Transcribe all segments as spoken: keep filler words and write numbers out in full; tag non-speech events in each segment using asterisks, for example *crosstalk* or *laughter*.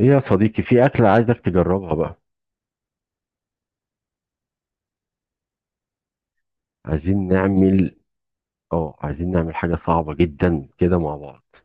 ايه يا صديقي، في أكلة عايزك تجربها بقى. عايزين نعمل، اه عايزين نعمل حاجة صعبة جدا كده مع بعض.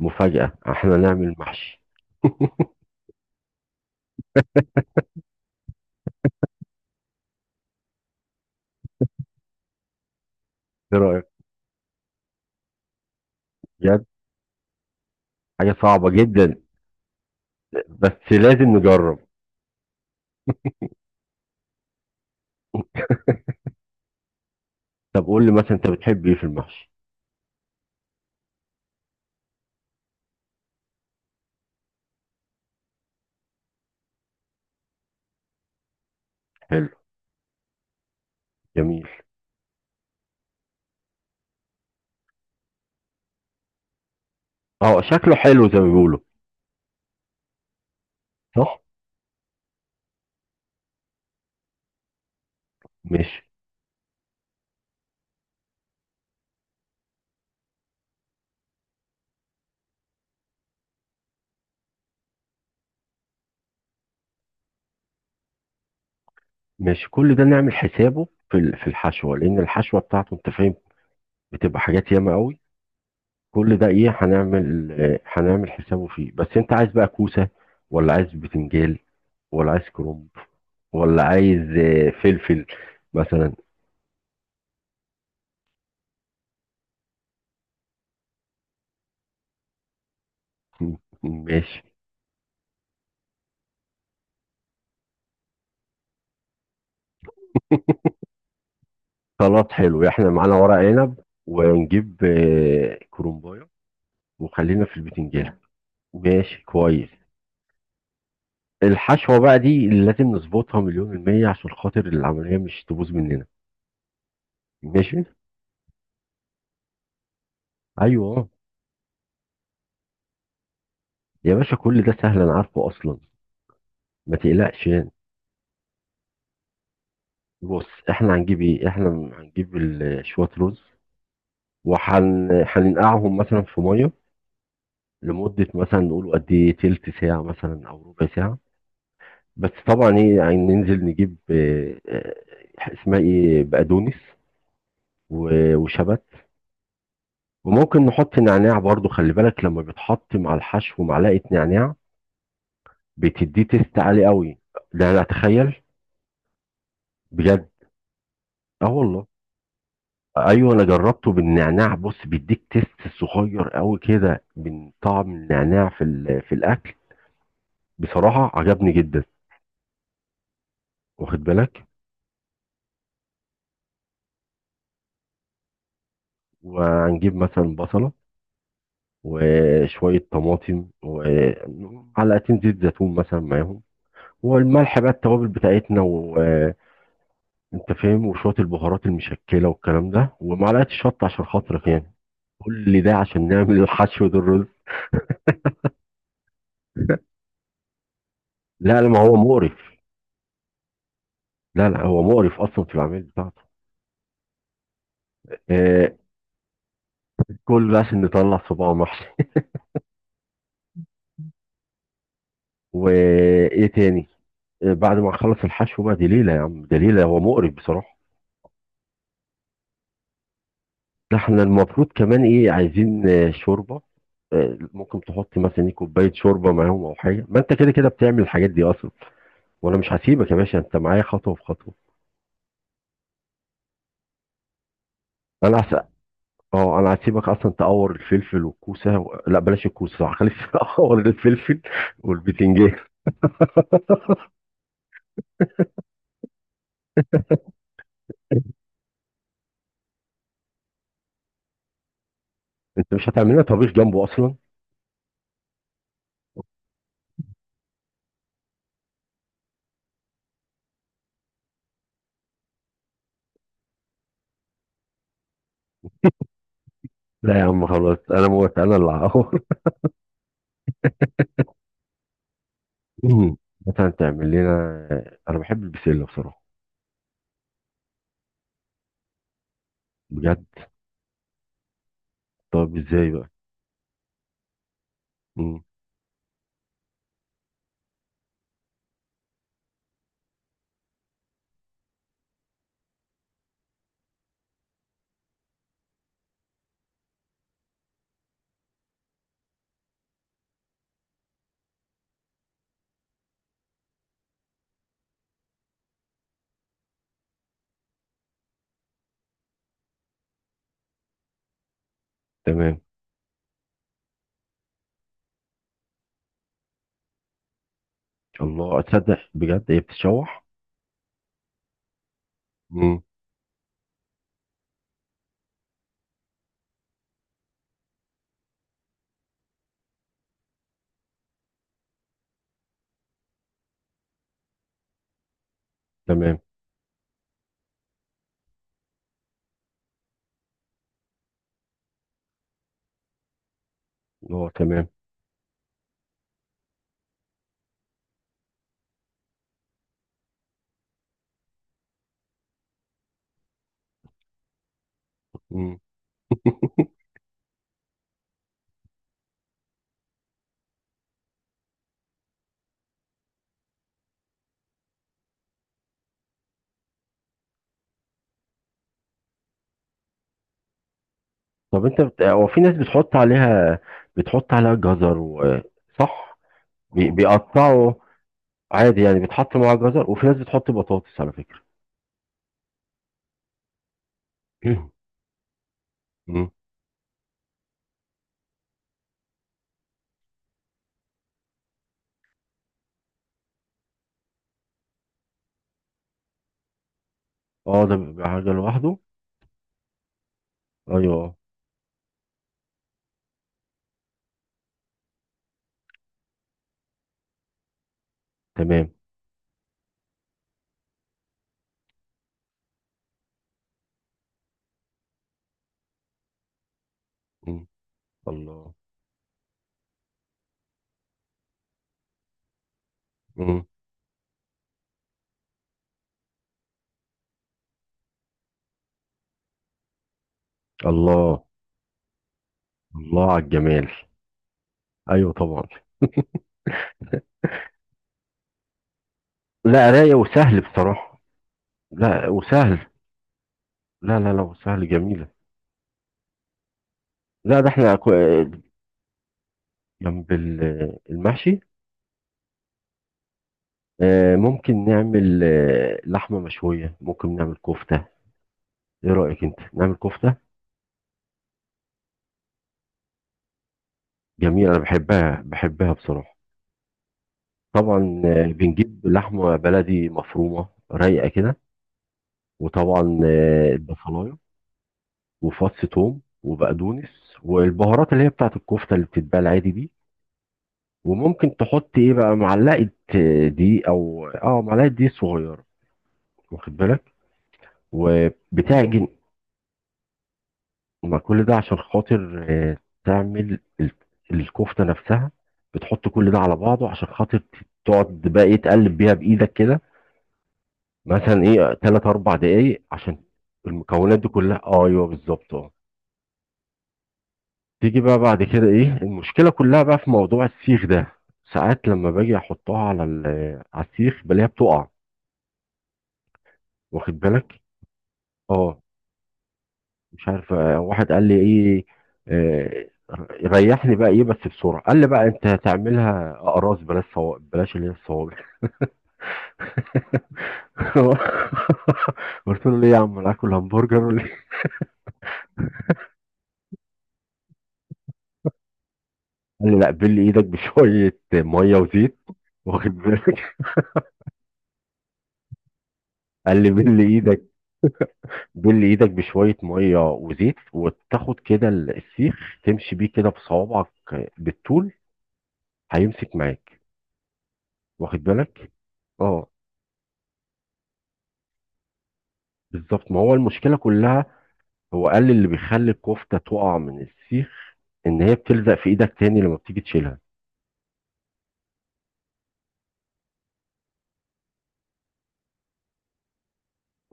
مفاجأة، احنا نعمل محشي. *laughs* ايه رأيك؟ بجد حاجة صعبة جدا، بس لازم نجرب. طب قول لي مثلا انت بتحب ايه في المحشي؟ حلو. جميل. اه، شكله حلو زي ما بيقولوا. صح. ماشي. ماشي، كل ده نعمل حسابه في ال- في الحشوة، لأن الحشوة بتاعته انت فاهم بتبقى حاجات ياما قوي. كل ده ايه، هنعمل آه، هنعمل حسابه فيه، بس انت عايز بقى كوسة، ولا عايز بتنجال، ولا عايز كرنب، ولا عايز آه، فلفل مثلا. *laughs* ماشي. سلطات، حلو، احنا معانا ورق عنب، ونجيب آه، كرنبايه، وخلينا في البتنجان. ماشي كويس. الحشوة بقى دي اللي لازم نظبطها مليون المية عشان خاطر العملية مش تبوظ مننا. ماشي. ايوه يا باشا، كل ده سهل انا عارفه اصلا، ما تقلقش يعني. بص، احنا هنجيب ايه، احنا هنجيب ال- شوية رز، وهن هننقعهم مثلا في ميه، لمدة مثلا نقول قد ايه تلت ساعة مثلا او ربع ساعة. بس طبعا ايه يعني ننزل نجيب اه، اه، اسمها ايه بقدونس، و- وشبت، وممكن نحط نعناع برضو. خلي بالك لما بيتحط مع الحشو معلقة نعناع بتديه تيست عالي قوي. ده انا اتخيل. بجد. اه والله. ايوه انا جربته بالنعناع. بص، بيديك تيست صغير قوي كده من طعم النعناع في ال- في الاكل. بصراحه عجبني جدا. واخد بالك. وهنجيب مثلا بصله، وشويه طماطم، ومعلقتين زيت زيتون مثلا معاهم، والملح بقى، التوابل بتاعتنا وانت فاهم، وشويه البهارات المشكله والكلام ده، ومعلقه الشطه عشان خاطرك يعني. كل ده عشان نعمل الحشو ده، الرز. لا لا، ما هو مقرف. لا لا، هو مقرف اصلا في العمل بتاعته. آه، كل ده عشان نطلع صباع محشي. وايه تاني؟ آه، بعد ما نخلص الحشو بقى، دي ليله يا عم، دي ليله، هو مقرف بصراحه. ده احنا المفروض كمان ايه عايزين آه، شوربه. آه، ممكن تحط مثلا إيه كوبايه شوربه معاهم او حاجه، ما انت كده كده بتعمل الحاجات دي اصلا. وانا مش هسيبك يا باشا، انت معايا خطوه بخطوه. انا هس... اه، انا هسيبك اصلا تقور الفلفل والكوسه و... لا بلاش الكوسه صح، خليك *laughs* تقور الفلفل والبتنجان. انت مش هتعمل لنا طبيخ جنبه اصلا؟ لا يا عم، خلاص انا موت، انا اللي هقور. مم. مثلا تعمل لنا، انا بحب البسله بصراحه. بجد. طب ازاي بقى؟ مم. تمام. الله، اتصدق بجد هي بتتشوح؟ مم. تمام. اه تمام. مم. *laughs* طب انت بت... هو في ناس بتحط عليها، بتحط عليها جزر و... صح. بي... بيقطعوا عادي يعني، بيتحط معاها جزر، وفي ناس بتحط بطاطس على فكرة. *laughs* مم. مم. اه، ده بيبقى حاجة لوحده. ايوه. تمام. مم. الله. مم. الله. الله على الجمال. ايوه طبعا. لا، رايق وسهل بصراحة. لا وسهل. لا لا لا وسهل جميلة. لا ده احنا أكو- آه، جنب ال- المحشي. آه، ممكن نعمل آه، لحمة مشوية، ممكن نعمل كفتة. ايه رأيك انت نعمل كفتة؟ جميلة، انا بحبها بحبها بصراحة. طبعا، آه، بنجيب لحمة بلدي مفرومة رايقة كده، وطبعا آه، البصلاية، وفص ثوم، وبقدونس، والبهارات اللي هي بتاعت الكفتة اللي بتتباع العادي دي. وممكن تحط ايه بقى معلقه آه، دي او اه معلقه دي صغيره. واخد بالك. وبتعجن. ما كل ده عشان خاطر آه، تعمل ال- الكفته نفسها. بتحط كل ده على بعضه عشان خاطر ت- تقعد بقى ايه تقلب بيها بايدك كده، مثلا ايه تلات اربع دقايق، عشان المكونات دي كلها، اه ايوه بالظبط اه. تيجي بقى بعد كده ايه، المشكله كلها بقى في موضوع السيخ ده. ساعات لما باجي احطها على ال- على السيخ بلاقيها بتقع. واخد بالك. اه. مش عارف، آه، واحد قال لي ايه، آه، ريحني بقى ايه بس بسرعه، قال لي بقى انت هتعملها اقراص، بلاش صوابع، بلاش اللي هي الصوابع. *laughs* قلت له ليه يا عم، انا اكل همبرجر *laughs* ولا إيه؟ قال لي لا، بل ايدك بشويه ميه وزيت. واخد بالك. *laughs* قال لي بل ايدك بل ايدك بشويه ميه وزيت، وتاخد كده ال- السيخ تمشي بيه كده بصوابعك بالطول، هيمسك معاك. واخد بالك. اه بالظبط، ما هو المشكله كلها، هو قال لي اللي بيخلي الكفتة تقع من السيخ ان هي بتلزق في ايدك تاني لما بتيجي تشيلها.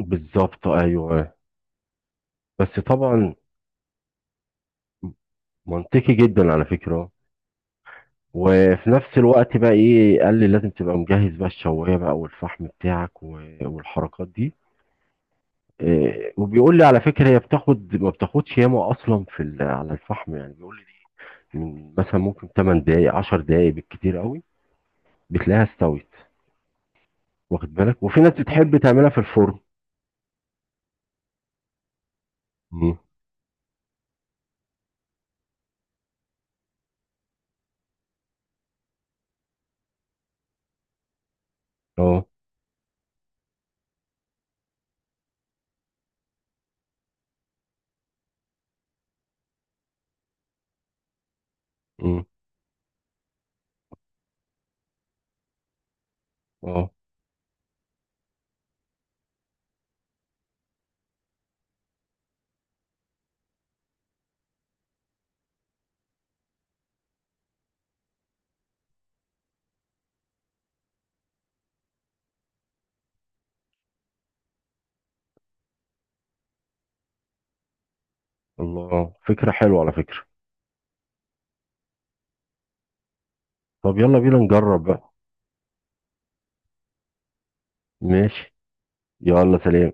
بالظبط ايوه. بس طبعا منطقي جدا على فكرة. وفي نفس الوقت بقى ايه، قال لي لازم تبقى مجهز بقى الشواية بقى والفحم بتاعك و- والحركات دي. إيه، وبيقول لي على فكرة هي بتاخد ما بتاخدش ياما اصلا في ال- على الفحم، يعني بيقول لي دي من مثلا ممكن تمن دقايق عشر دقايق بالكتير قوي بتلاقيها استوت. واخد بالك. وفي ناس بتحب تعملها في الفرن. مم. اه. مم. اه. الله فكرة حلوة على فكرة. طب يلا بينا نجرب بقى. ماشي. يلا سلام.